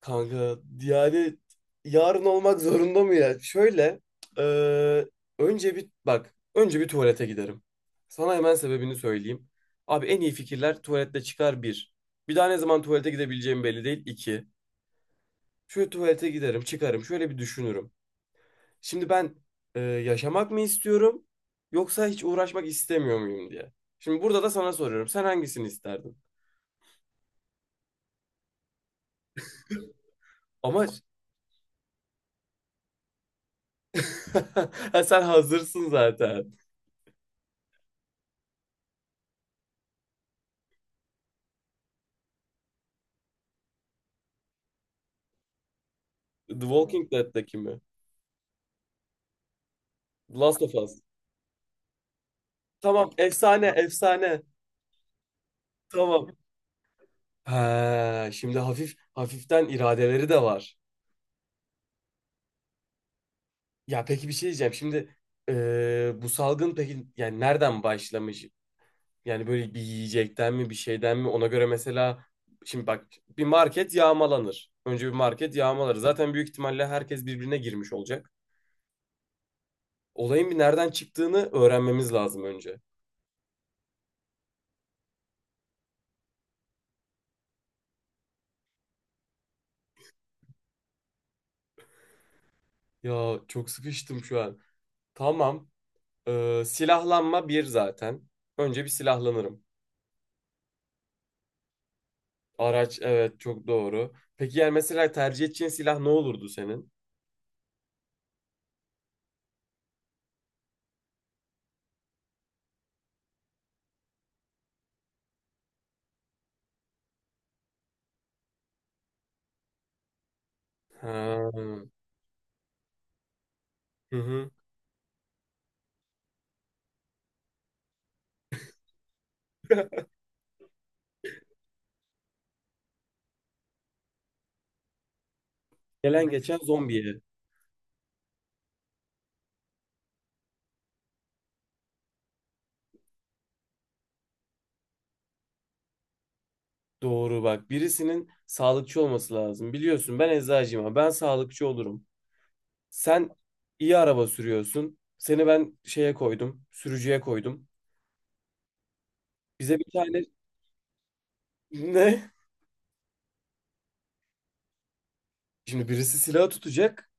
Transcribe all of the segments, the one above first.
Kanka yani yarın olmak zorunda mı ya? Şöyle e, önce bir bak, önce bir tuvalete giderim. Sana hemen sebebini söyleyeyim. Abi en iyi fikirler tuvalette çıkar bir. Bir daha ne zaman tuvalete gidebileceğim belli değil iki. Şöyle tuvalete giderim, çıkarım, şöyle bir düşünürüm. Şimdi ben yaşamak mı istiyorum yoksa hiç uğraşmak istemiyor muyum diye. Şimdi burada da sana soruyorum. Sen hangisini isterdin? Ama Ha, sen hazırsın zaten. The Walking Dead'deki mi? The Last of Us. Tamam, efsane, efsane. Tamam. Ha, şimdi hafif hafiften iradeleri de var. Ya peki, bir şey diyeceğim. Şimdi bu salgın peki yani nereden başlamış? Yani böyle bir yiyecekten mi, bir şeyden mi, ona göre mesela. Şimdi bak, bir market yağmalanır. Önce bir market yağmalar. Zaten büyük ihtimalle herkes birbirine girmiş olacak. Olayın bir nereden çıktığını öğrenmemiz lazım önce. Ya çok sıkıştım şu an. Tamam. Silahlanma bir zaten. Önce bir silahlanırım. Araç, evet, çok doğru. Peki yani mesela tercih edeceğin silah ne olurdu senin? Ha. Hı hı. Gelen geçen zombiye. Doğru bak. Birisinin sağlıkçı olması lazım. Biliyorsun ben eczacıyım ama ben sağlıkçı olurum. Sen iyi araba sürüyorsun. Seni ben şeye koydum. Sürücüye koydum. Bize bir tane ne? Şimdi birisi silah tutacak.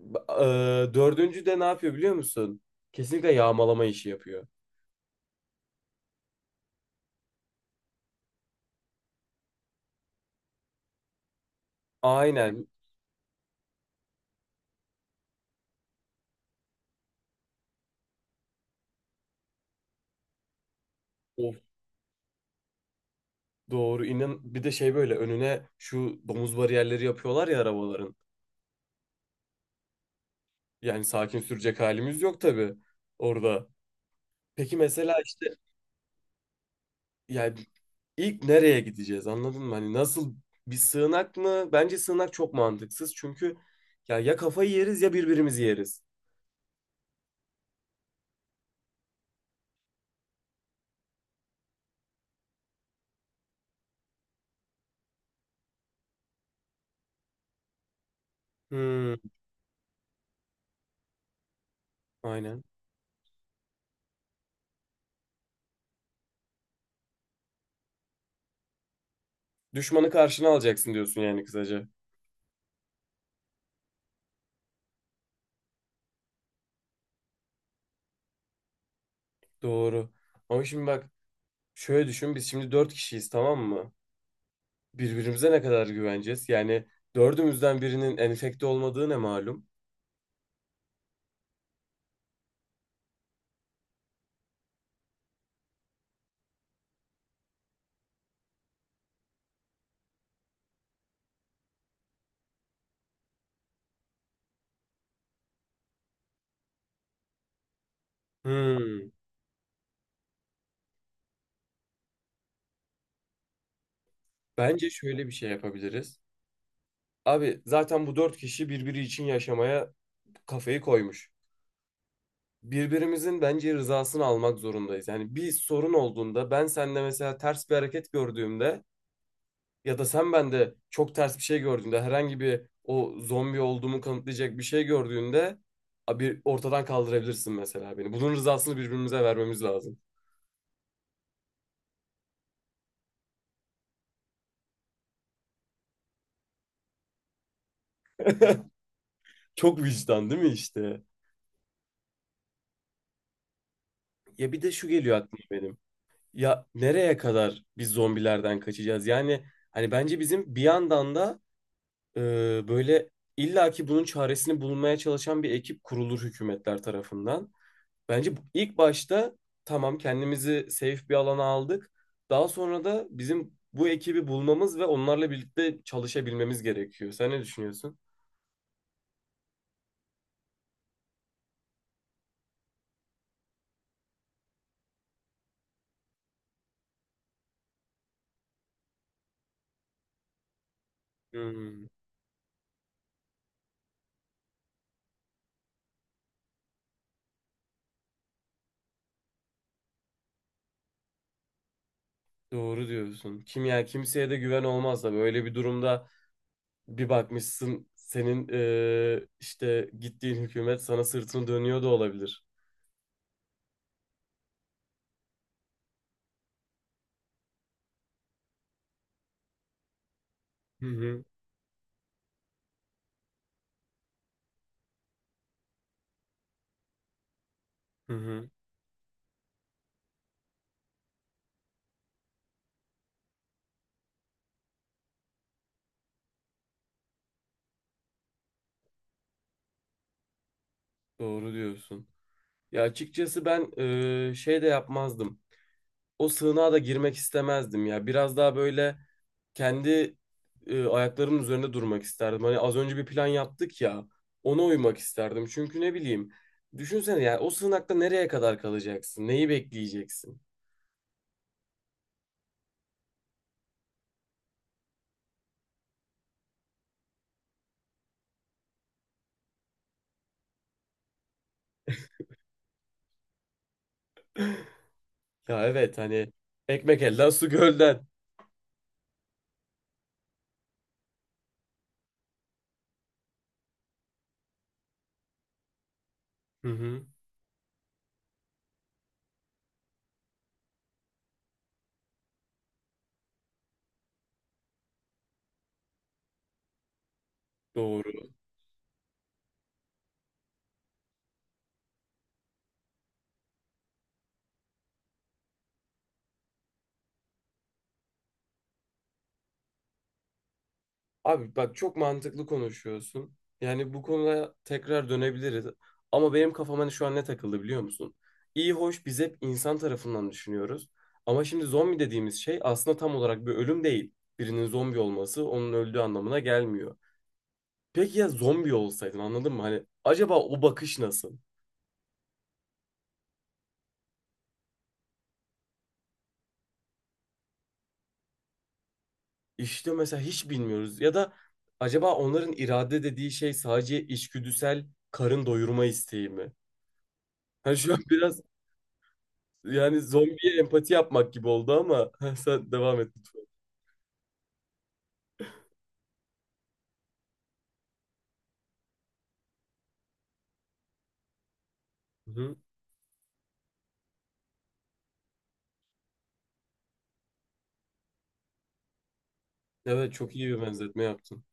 Ba- dördüncü de ne yapıyor biliyor musun? Kesinlikle yağmalama işi yapıyor. Aynen. Of, doğru. İnan bir de şey, böyle önüne şu domuz bariyerleri yapıyorlar ya arabaların. Yani sakin sürecek halimiz yok tabii orada. Peki mesela işte, yani ilk nereye gideceğiz, anladın mı? Hani nasıl, bir sığınak mı? Bence sığınak çok mantıksız çünkü ya ya kafayı yeriz ya birbirimizi yeriz. Hmm, aynen. Düşmanı karşına alacaksın diyorsun yani kısaca. Doğru. Ama şimdi bak, şöyle düşün, biz şimdi dört kişiyiz tamam mı? Birbirimize ne kadar güveneceğiz? Yani dördümüzden birinin enfekte olmadığı ne malum? Hmm, bence şöyle bir şey yapabiliriz. Abi zaten bu dört kişi birbiri için yaşamaya kafayı koymuş. Birbirimizin bence rızasını almak zorundayız. Yani bir sorun olduğunda, ben sende mesela ters bir hareket gördüğümde ya da sen bende çok ters bir şey gördüğünde, herhangi bir o zombi olduğumu kanıtlayacak bir şey gördüğünde, abi ortadan kaldırabilirsin mesela beni. Bunun rızasını birbirimize vermemiz lazım. Çok vicdan değil mi işte? Ya bir de şu geliyor aklıma benim. Ya nereye kadar biz zombilerden kaçacağız? Yani hani bence bizim bir yandan da e, böyle illaki bunun çaresini bulmaya çalışan bir ekip kurulur hükümetler tarafından. Bence ilk başta tamam kendimizi safe bir alana aldık. Daha sonra da bizim bu ekibi bulmamız ve onlarla birlikte çalışabilmemiz gerekiyor. Sen ne düşünüyorsun? Hmm, doğru diyorsun. Kim, ya kimseye de güven olmaz da böyle bir durumda bir bakmışsın senin işte gittiğin hükümet sana sırtını dönüyor da olabilir. Hı hı. Hı hı. Doğru diyorsun. Ya açıkçası ben şey de yapmazdım. O sığınağa da girmek istemezdim ya. Biraz daha böyle kendi ayaklarımın üzerinde durmak isterdim. Hani az önce bir plan yaptık ya. Ona uymak isterdim. Çünkü ne bileyim. Düşünsene ya, o sığınakta nereye kadar kalacaksın? Neyi bekleyeceksin? Ya evet, hani ekmek elden su gölden. Hı hı, doğru. Abi bak, çok mantıklı konuşuyorsun. Yani bu konuya tekrar dönebiliriz. Ama benim kafam hani şu an ne takıldı biliyor musun? İyi hoş, biz hep insan tarafından düşünüyoruz. Ama şimdi zombi dediğimiz şey aslında tam olarak bir ölüm değil. Birinin zombi olması onun öldüğü anlamına gelmiyor. Peki ya zombi olsaydın, anladın mı? Hani acaba o bakış nasıl? İşte mesela hiç bilmiyoruz. Ya da acaba onların irade dediği şey sadece içgüdüsel karın doyurma isteği mi? Hani şu an biraz, yani zombiye empati yapmak gibi oldu ama sen devam et lütfen. Hı hı. Evet, çok iyi bir benzetme yaptın.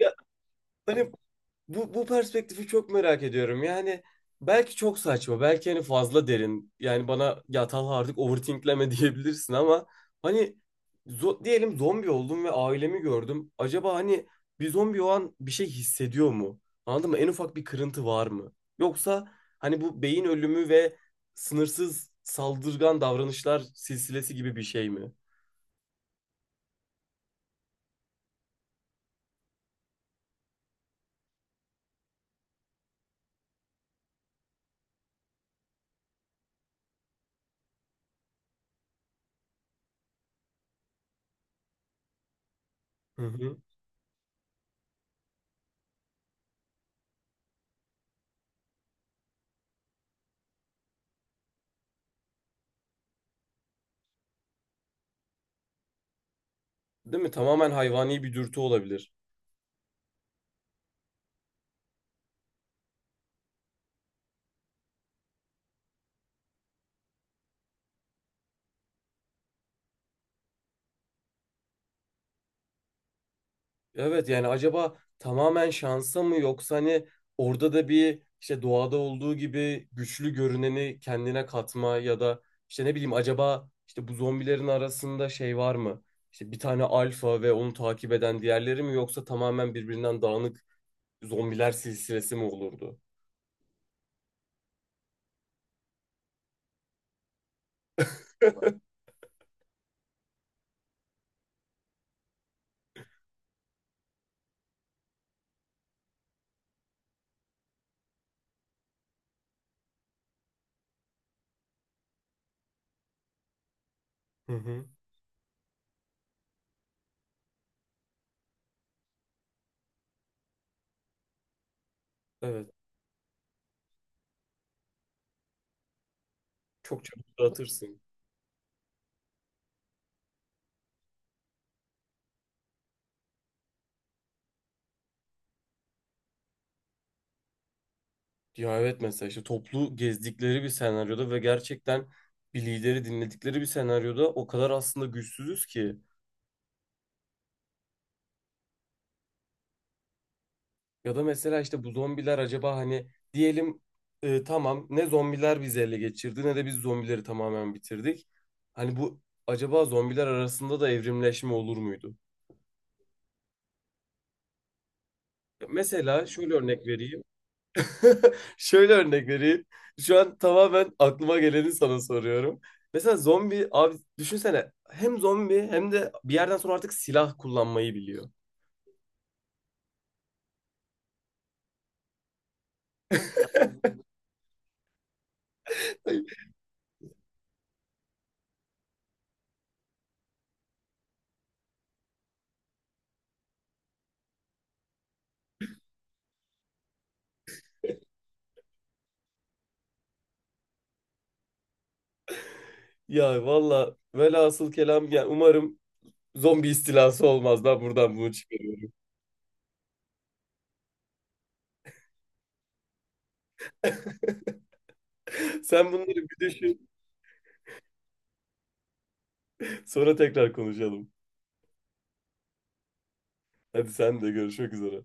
Ya, hani bu, bu perspektifi çok merak ediyorum. Yani belki çok saçma, belki hani fazla derin. Yani bana ya Talha artık overthinkleme diyebilirsin ama hani, diyelim zombi oldum ve ailemi gördüm. Acaba hani bir zombi o an bir şey hissediyor mu? Anladın mı? En ufak bir kırıntı var mı? Yoksa hani bu beyin ölümü ve sınırsız saldırgan davranışlar silsilesi gibi bir şey mi? Hı hı. Değil mi? Tamamen hayvani bir dürtü olabilir. Evet yani acaba tamamen şansa mı, yoksa hani orada da bir işte doğada olduğu gibi güçlü görüneni kendine katma ya da işte ne bileyim, acaba işte bu zombilerin arasında şey var mı? İşte bir tane alfa ve onu takip eden diğerleri mi, yoksa tamamen birbirinden dağınık zombiler silsilesi mi olurdu? Hı hı. Evet. Çok çabuk dağıtırsın. Ya evet, mesela işte toplu gezdikleri bir senaryoda ve gerçekten bir lideri dinledikleri bir senaryoda o kadar aslında güçsüzüz ki. Ya da mesela işte bu zombiler acaba hani diyelim tamam ne zombiler bizi ele geçirdi ne de biz zombileri tamamen bitirdik. Hani bu, acaba zombiler arasında da evrimleşme olur muydu? Mesela şöyle örnek vereyim. Şöyle örnek vereyim. Şu an tamamen aklıma geleni sana soruyorum. Mesela zombi abi düşünsene, hem zombi hem de bir yerden sonra artık silah kullanmayı biliyor. Ay, ya valla velhasıl kelam, yani umarım zombi istilası olmaz. Ben buradan bunu çıkarıyorum. Sen bunları bir düşün. Sonra tekrar konuşalım. Hadi sen de, görüşmek üzere.